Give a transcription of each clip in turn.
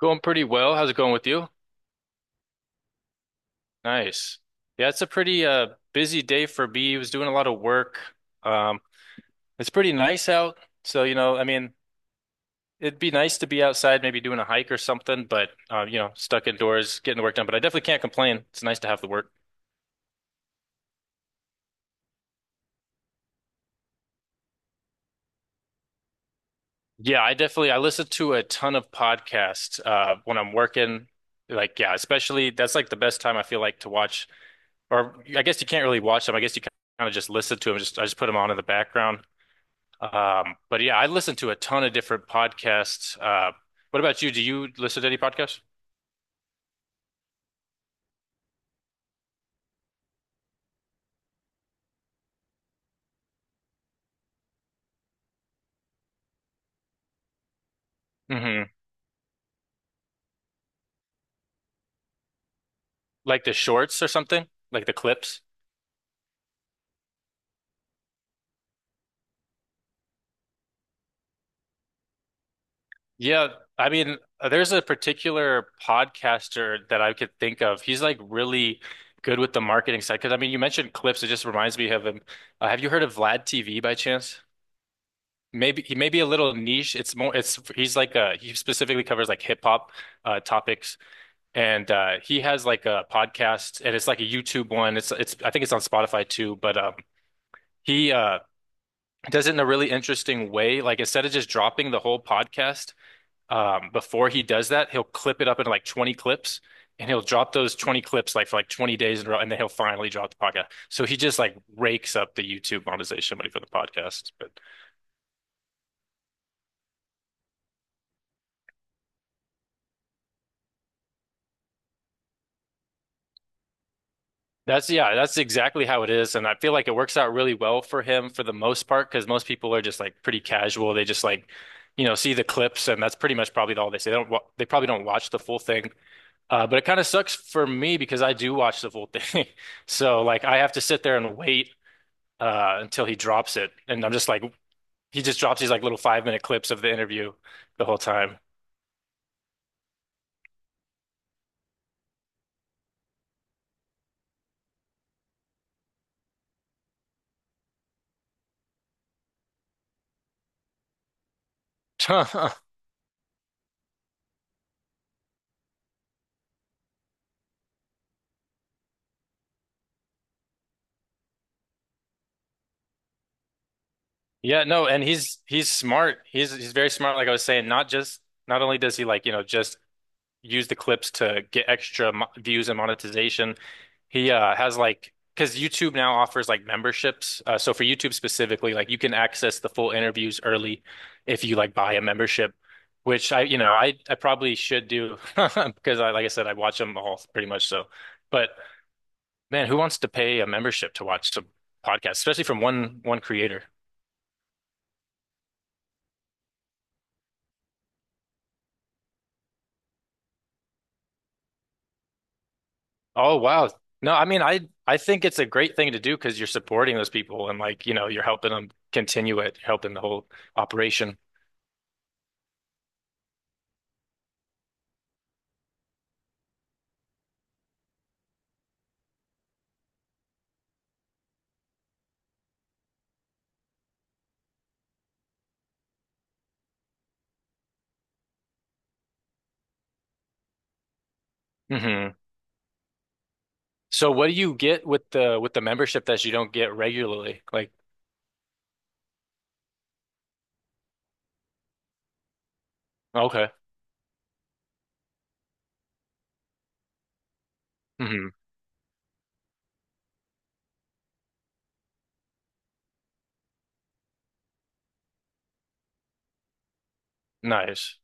Going pretty well. How's it going with you? Nice. Yeah, it's a pretty busy day for me. I was doing a lot of work. Um, it's pretty nice out. So, you know, I mean, it'd be nice to be outside, maybe doing a hike or something, but you know, stuck indoors, getting the work done. But I definitely can't complain. It's nice to have the work. Yeah, I definitely I listen to a ton of podcasts when I'm working. Like, yeah, especially that's like the best time I feel like to watch, or I guess you can't really watch them. I guess you kind of just listen to them. Just I just put them on in the background. But yeah, I listen to a ton of different podcasts. What about you? Do you listen to any podcasts? Hmm. Like the shorts or something? Like the clips? Yeah, I mean, there's a particular podcaster that I could think of. He's like really good with the marketing side. Because I mean, you mentioned clips. It just reminds me of him. Have you heard of Vlad TV by chance? Maybe he may be a little niche. It's more. It's he's like he specifically covers like hip hop topics. And he has like a podcast, and it's like a YouTube one. It's I think it's on Spotify too, but he does it in a really interesting way. Like, instead of just dropping the whole podcast, before he does that, he'll clip it up into like 20 clips. And he'll drop those 20 clips like for like 20 days in a row, and then he'll finally drop the podcast. So he just like rakes up the YouTube monetization money for the podcast. But that's, yeah, that's exactly how it is. And I feel like it works out really well for him for the most part because most people are just like pretty casual. They just like, you know, see the clips and that's pretty much probably all they say. They probably don't watch the full thing. But it kind of sucks for me because I do watch the full thing. So like I have to sit there and wait until he drops it. And I'm just like he just drops these like little 5 minute clips of the interview the whole time. Yeah, no, and he's smart. He's very smart. Like I was saying, not just, not only does he like, you know, just use the clips to get extra mo views and monetization. He has like, because YouTube now offers like memberships. So for YouTube specifically, like you can access the full interviews early if you like buy a membership, which I, you know, I probably should do because, I like I said, I watch them all pretty much. So but man, who wants to pay a membership to watch some podcasts, especially from one creator? Oh wow. No, I mean, I think it's a great thing to do because you're supporting those people and, like, you know, you're helping them continue it, helping the whole operation. Hmm. So what do you get with the membership that you don't get regularly? Like, okay. Hmm. Nice.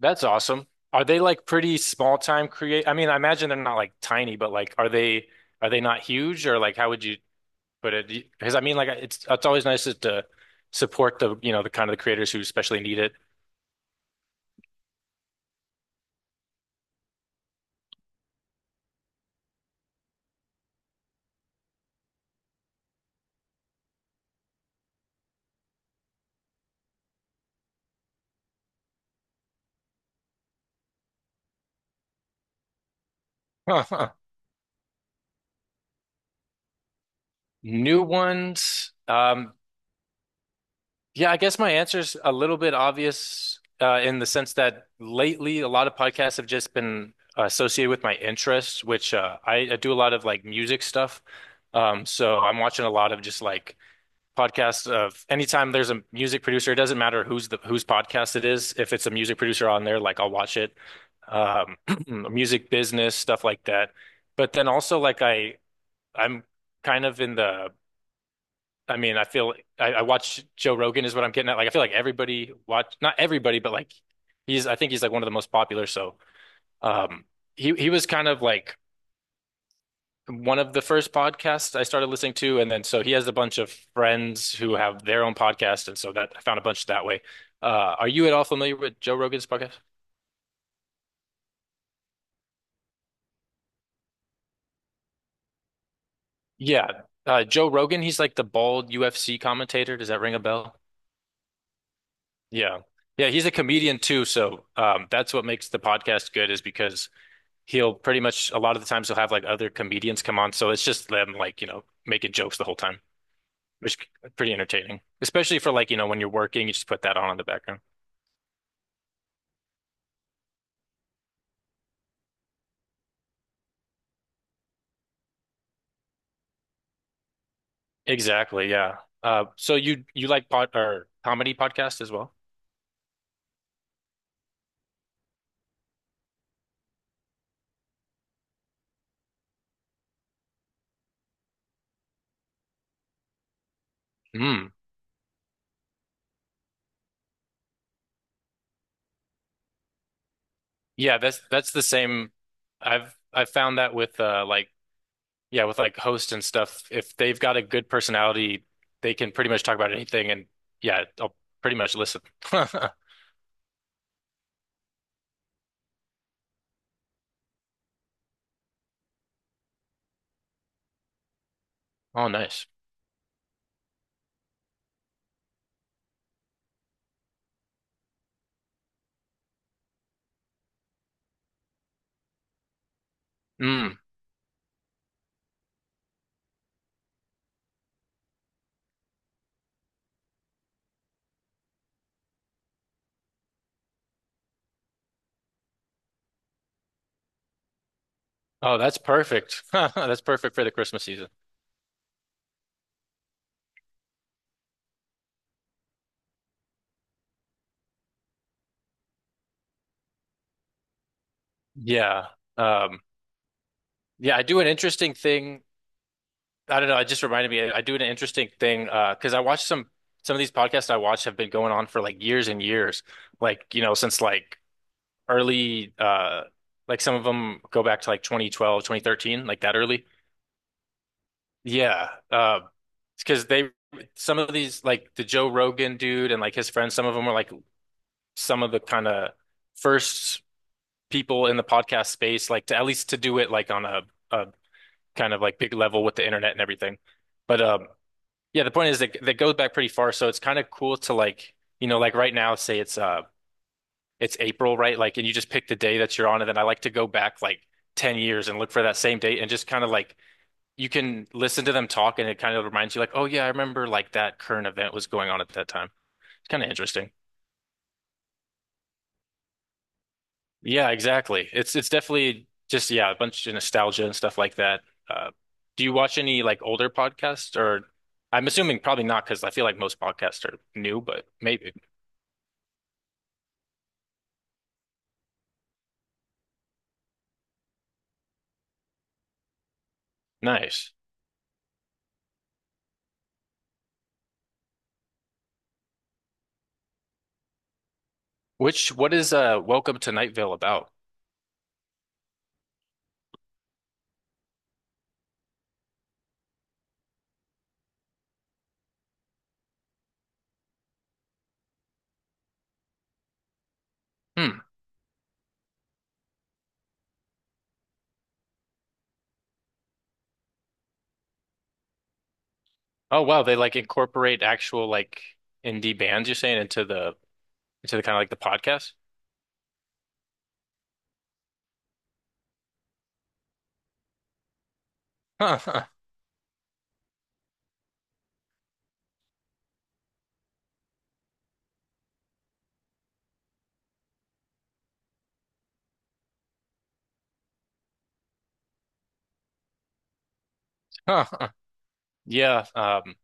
That's awesome. Are they like pretty small time create? I mean, I imagine they're not like tiny, but like are they, are they not huge? Or like, how would you? But it, because I mean, like, it's always nice to support, the you know, the kind of the creators who especially need it. Huh, huh. New ones. Yeah, I guess my answer's a little bit obvious, in the sense that lately a lot of podcasts have just been associated with my interests, which, I do a lot of like music stuff. So I'm watching a lot of just like podcasts of anytime there's a music producer, it doesn't matter who's the whose podcast it is. If it's a music producer on there, like I'll watch it. Um, Music business stuff like that. But then also like I'm kind of in the, I mean, I feel I watch Joe Rogan is what I'm getting at. Like I feel like everybody watch, not everybody, but like he's, I think he's like one of the most popular. So um he was kind of like one of the first podcasts I started listening to. And then so he has a bunch of friends who have their own podcast. And so that I found a bunch that way. Are you at all familiar with Joe Rogan's podcast? Yeah. Joe Rogan, he's like the bald UFC commentator. Does that ring a bell? Yeah. Yeah, he's a comedian too, so that's what makes the podcast good is because he'll pretty much, a lot of the times he'll have like other comedians come on, so it's just them like, you know, making jokes the whole time, which is pretty entertaining. Especially for like, you know, when you're working, you just put that on in the background. Exactly, yeah. So you like pod or comedy podcasts as well? Mm. Yeah, that's the same. I've found that with like, yeah, with like hosts and stuff, if they've got a good personality, they can pretty much talk about anything, and yeah, I'll pretty much listen. Oh, nice. Mm. Oh, that's perfect. That's perfect for the Christmas season. Yeah. Um, yeah, I do an interesting thing. I don't know, it just reminded me, I do an interesting thing, because I watch some of these podcasts I watch have been going on for like years and years. Like, you know, since like early like some of them go back to like 2012, 2013, like that early. Yeah. Because they, some of these like the Joe Rogan dude and like his friends, some of them were like some of the kind of first people in the podcast space, like to at least to do it like on a kind of like big level with the internet and everything. But yeah, the point is that that goes back pretty far, so it's kind of cool to like, you know, like right now, say it's April, right? Like, and you just pick the day that you're on, and then I like to go back like 10 years and look for that same date and just kind of like you can listen to them talk and it kind of reminds you like, oh yeah, I remember like that current event was going on at that time. It's kind of interesting. Yeah, exactly. It's definitely just, yeah, a bunch of nostalgia and stuff like that. Uh, do you watch any like older podcasts? Or I'm assuming probably not because I feel like most podcasts are new, but maybe. Nice. Which, what is Welcome to Night Vale about? Hmm. Oh wow, they like incorporate actual like indie bands, you're saying, into the, into the kind of like the podcast? Huh, huh, huh, huh. Yeah,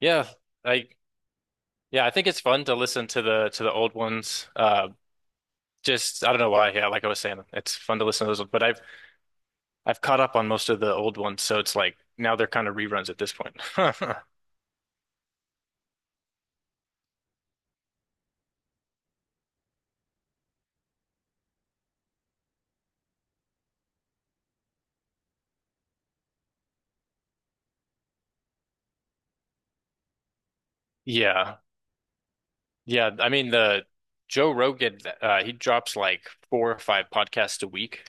yeah, I yeah, I think it's fun to listen to the, to the old ones. Just I don't know why. Yeah, like I was saying, it's fun to listen to those, but I've caught up on most of the old ones, so it's like now they're kind of reruns at this point. Yeah. Yeah, I mean, the Joe Rogan, he drops like 4 or 5 podcasts a week.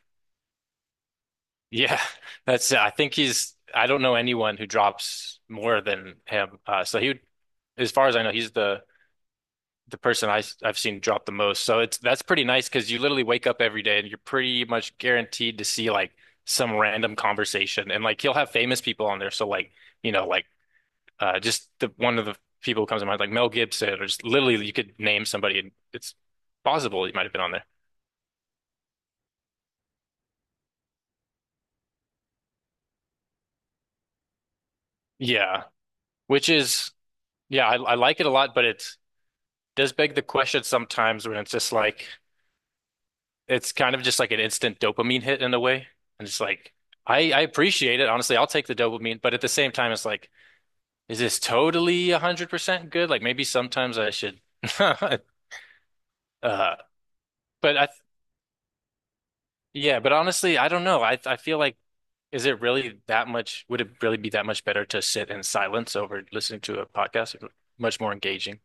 Yeah. That's, I think he's, I don't know anyone who drops more than him. So he would, as far as I know, he's the person I have seen drop the most. So it's, that's pretty nice because you literally wake up every day and you're pretty much guaranteed to see like some random conversation. And like he'll have famous people on there. So like, you know, like just the one of the people who comes to mind, like Mel Gibson, or just literally you could name somebody and it's possible he might have been on there. Yeah. Which is, yeah, I like it a lot, but it does beg the question sometimes when it's just like it's kind of just like an instant dopamine hit in a way. And it's like, I appreciate it. Honestly, I'll take the dopamine, but at the same time, it's like, is this totally 100% good? Like maybe sometimes I should. Uh, but yeah, but honestly, I don't know. I feel like, is it really that much? Would it really be that much better to sit in silence over listening to a podcast? Much more engaging.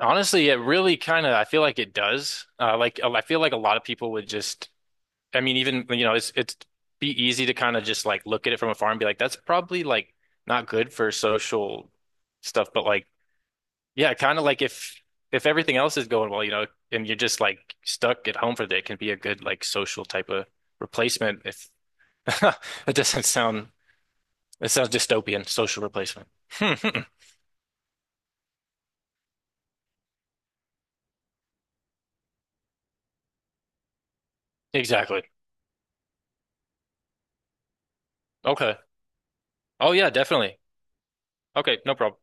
Honestly, it really kind of, I feel like it does. Like, I feel like a lot of people would just, I mean, even, you know, it's be easy to kind of just like look at it from afar and be like, that's probably like not good for social stuff. But like, yeah, kind of like if everything else is going well, you know, and you're just like stuck at home for the day, it can be a good like social type of replacement. If it doesn't sound, it sounds dystopian, social replacement. Exactly. Okay. Oh yeah, definitely. Okay, no problem.